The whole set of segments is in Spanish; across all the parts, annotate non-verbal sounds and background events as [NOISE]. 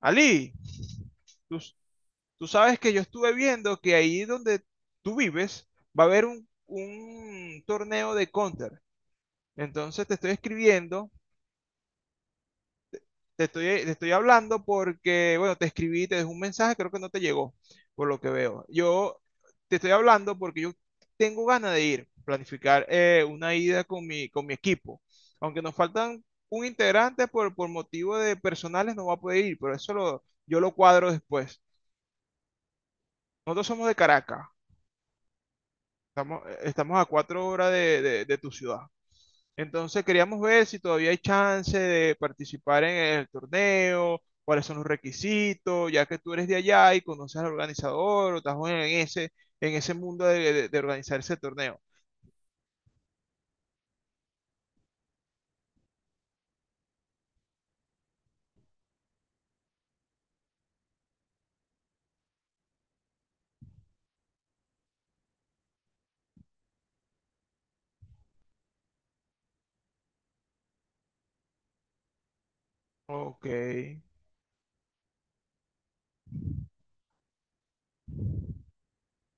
Ali, tú, tú sabes que yo estuve viendo que ahí donde tú vives va a haber un torneo de Counter. Entonces te estoy escribiendo, te estoy hablando porque, bueno, te escribí, te dejé un mensaje, creo que no te llegó, por lo que veo. Yo te estoy hablando porque yo tengo ganas de ir, planificar una ida con mi equipo. Aunque nos faltan un integrante por motivo de personales, no va a poder ir, pero yo lo cuadro después. Nosotros somos de Caracas, estamos a 4 horas de tu ciudad. Entonces queríamos ver si todavía hay chance de participar en el torneo, cuáles son los requisitos, ya que tú eres de allá y conoces al organizador o estás en ese mundo de organizar ese torneo. Ok.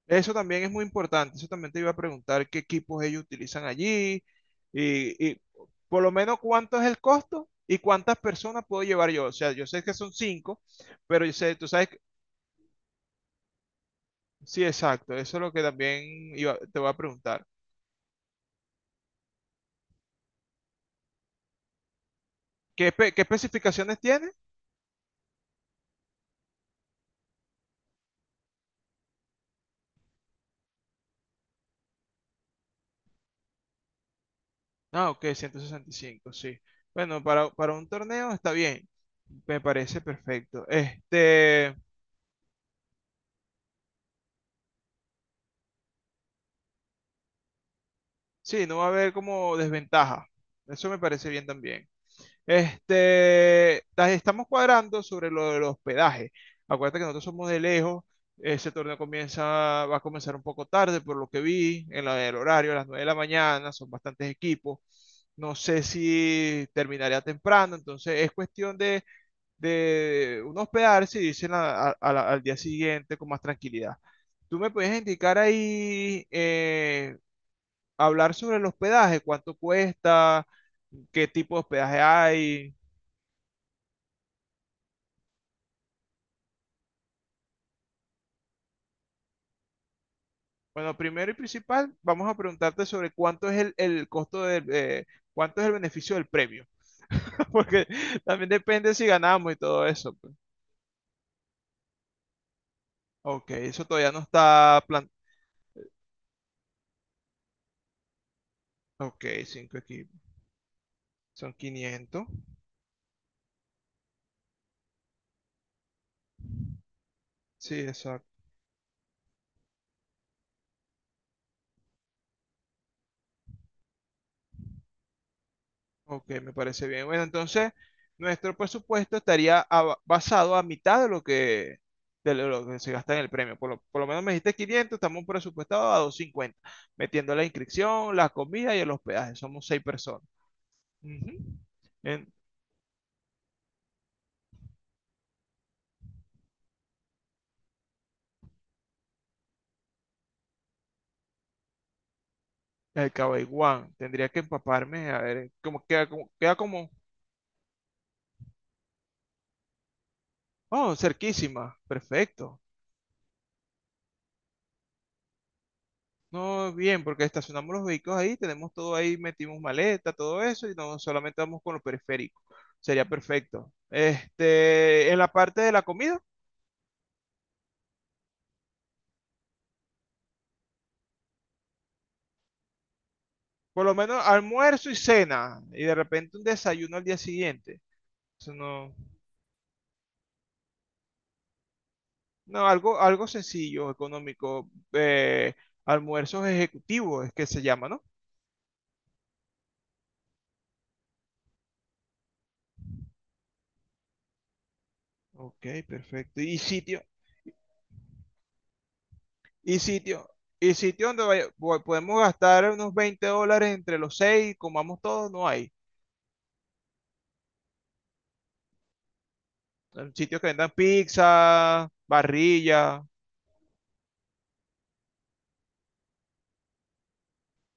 Eso también es muy importante. Eso también te iba a preguntar qué equipos ellos utilizan allí y por lo menos cuánto es el costo y cuántas personas puedo llevar yo. O sea, yo sé que son cinco. Pero yo sé, tú sabes, sí, exacto. Eso es lo que también te voy a preguntar. ¿Qué, qué especificaciones tiene? Ah, ok, 165, sí. Bueno, para un torneo está bien. Me parece perfecto. Este, sí, no va a haber como desventaja. Eso me parece bien también. Este, las estamos cuadrando sobre lo del hospedaje. Acuérdate que nosotros somos de lejos. Ese torneo comienza, va a comenzar un poco tarde, por lo que vi, en la del horario, a las 9 de la mañana, son bastantes equipos. No sé si terminaría temprano, entonces es cuestión de uno hospedarse y dicen al día siguiente con más tranquilidad. ¿Tú me puedes indicar ahí, hablar sobre el hospedaje, cuánto cuesta, qué tipo de hospedaje hay? Bueno, primero y principal, vamos a preguntarte sobre cuánto es el costo del, cuánto es el beneficio del premio, [LAUGHS] porque también depende si ganamos y todo eso. Pues. Ok, eso todavía no está plan... Ok, 5 equipos, son 500. Sí, exacto. Ok, me parece bien. Bueno, entonces, nuestro presupuesto estaría basado a mitad de lo que se gasta en el premio. Por lo menos me dijiste 500, estamos presupuestados a 250, metiendo la inscripción, la comida y el hospedaje. Somos seis personas. Ujú. En el Cabaiguán. Tendría que empaparme, a ver, como queda como, queda como, oh, cerquísima. Perfecto. No, bien, porque estacionamos los vehículos ahí, tenemos todo ahí, metimos maleta, todo eso, y no solamente vamos con lo periférico. Sería perfecto. Este, en la parte de la comida, por lo menos almuerzo y cena, y de repente un desayuno al día siguiente. Eso no, no, algo sencillo, económico, almuerzos ejecutivos es que se llama, ¿no? Ok, perfecto. ¿Y sitio? ¿Y sitio? ¿Y sitio donde podemos gastar unos $20 entre los seis y comamos todos? No hay. Sitios que vendan pizza, barrilla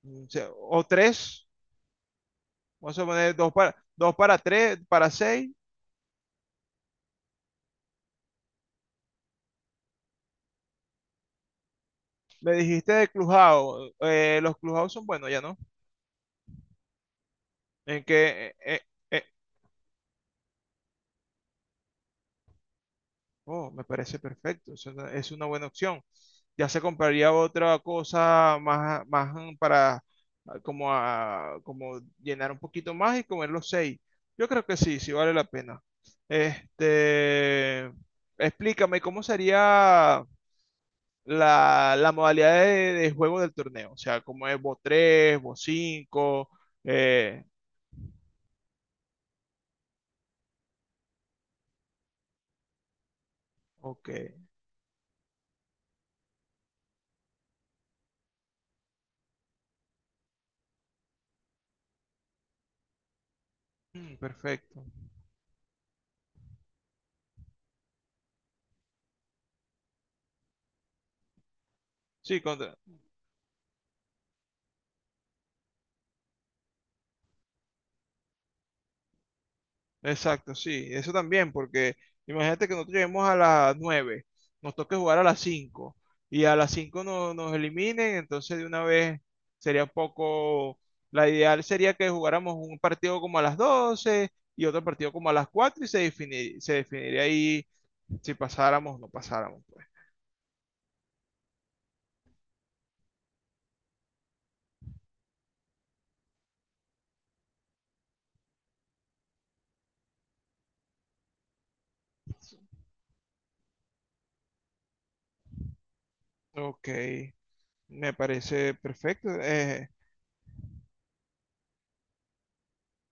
mm, o tres. Vamos a poner dos para, dos para tres, para seis. Me dijiste de Clubhouse. Eh, los Clubhouse son buenos ya, ¿no? ¿En qué, eh, oh, me parece perfecto, es una buena opción. Ya se compraría otra cosa más, más mm, para ah, como, como llenar un poquito más y comer los seis. Yo creo que sí, sí vale la pena. Este, explícame cómo sería la modalidad de juego del torneo, o sea, como es, vos 3, vos 5? Eh, ok, mm, perfecto. Sí, exacto, sí, eso también, porque imagínate que nosotros lleguemos a las 9, nos toque jugar a las 5 y a las 5 nos eliminen, entonces de una vez sería un poco, la ideal sería que jugáramos un partido como a las 12 y otro partido como a las 4 y se definiría ahí si pasáramos o no pasáramos, pues. Ok, me parece perfecto. Eh,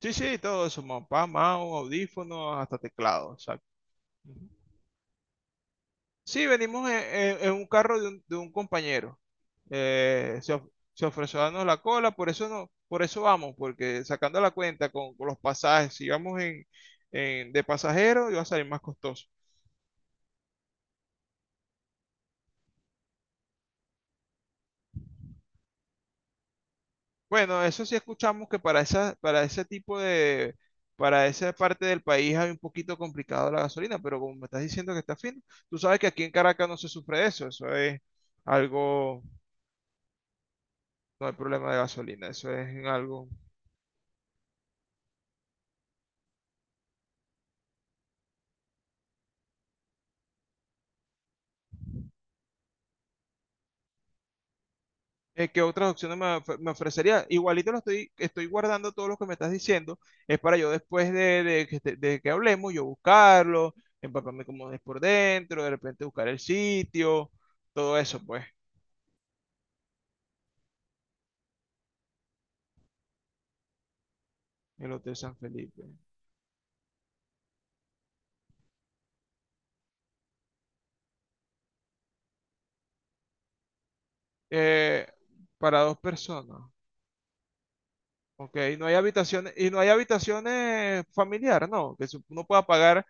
sí, sí, todo eso, mapa, mouse, audífonos, hasta teclado, exacto. Ujú. Sí, venimos en, en un carro de un compañero. Eh, se, of- se ofreció a darnos la cola, por eso no, por eso vamos, porque sacando la cuenta con los pasajes, si vamos en, de pasajero, iba a salir más costoso. Bueno, eso sí escuchamos que para esa, para ese tipo de, para esa parte del país hay un poquito complicado la gasolina, pero como me estás diciendo que está fino, tú sabes que aquí en Caracas no se sufre de eso, eso es algo, no hay problema de gasolina, eso es algo ¿qué otras opciones me, me ofrecería? Igualito lo estoy guardando todos los que me estás diciendo, es para yo después de, de que hablemos, yo buscarlo, empaparme como es por dentro, de repente buscar el sitio, todo eso, pues, el Hotel San Felipe. Eh, para dos personas, ok, no hay habitaciones, y no hay habitaciones familiares, no, que uno pueda pagar.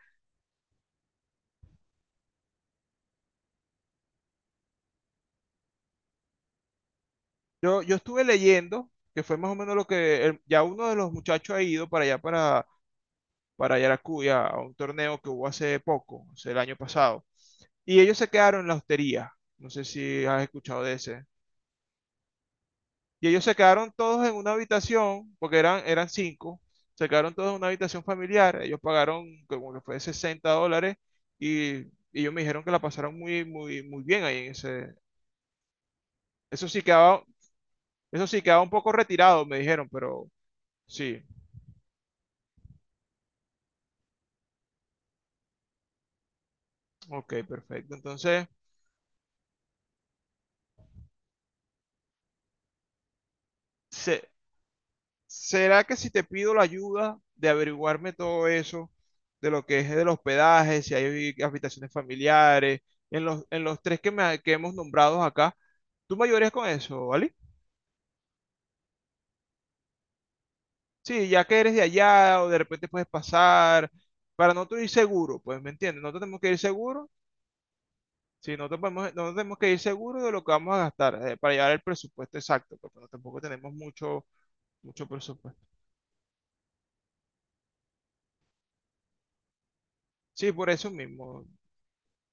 Yo estuve leyendo, que fue más o menos lo que ya uno de los muchachos ha ido para allá, para Yaracuya a un torneo que hubo hace poco, o sea, el año pasado. Y ellos se quedaron en la hostería. No sé si has escuchado de ese. Y ellos se quedaron todos en una habitación, porque eran cinco. Se quedaron todos en una habitación familiar. Ellos pagaron como que fue $60 y ellos me dijeron que la pasaron muy, muy, muy bien ahí en ese. Eso sí quedaba, eso sí quedaba un poco retirado, me dijeron, pero sí. Ok, perfecto. Entonces, se- ¿será que si te pido la ayuda de averiguarme todo eso, de lo que es del hospedaje, si hay habitaciones familiares, en en los tres que, que hemos nombrado acá, tú me ayudarías con eso, vale? Sí, ya que eres de allá o de repente puedes pasar, para no tú ir seguro, pues, ¿me entiendes? No tenemos que ir seguro, sí, no tenemos que ir seguro de lo que vamos a gastar para llegar al presupuesto exacto, porque tampoco tenemos mucho, mucho presupuesto. Sí, por eso mismo,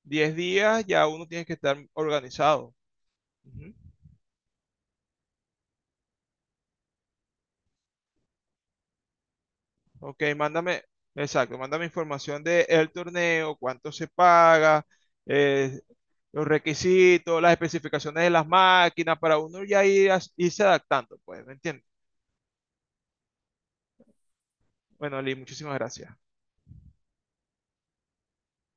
10 días ya uno tiene que estar organizado. Ujú. Ok, mándame, exacto, mándame información de el torneo, cuánto se paga, eh, los requisitos, las especificaciones de las máquinas, para uno ya ir, irse adaptando, pues, ¿me entiendes? Bueno, Lee, muchísimas gracias.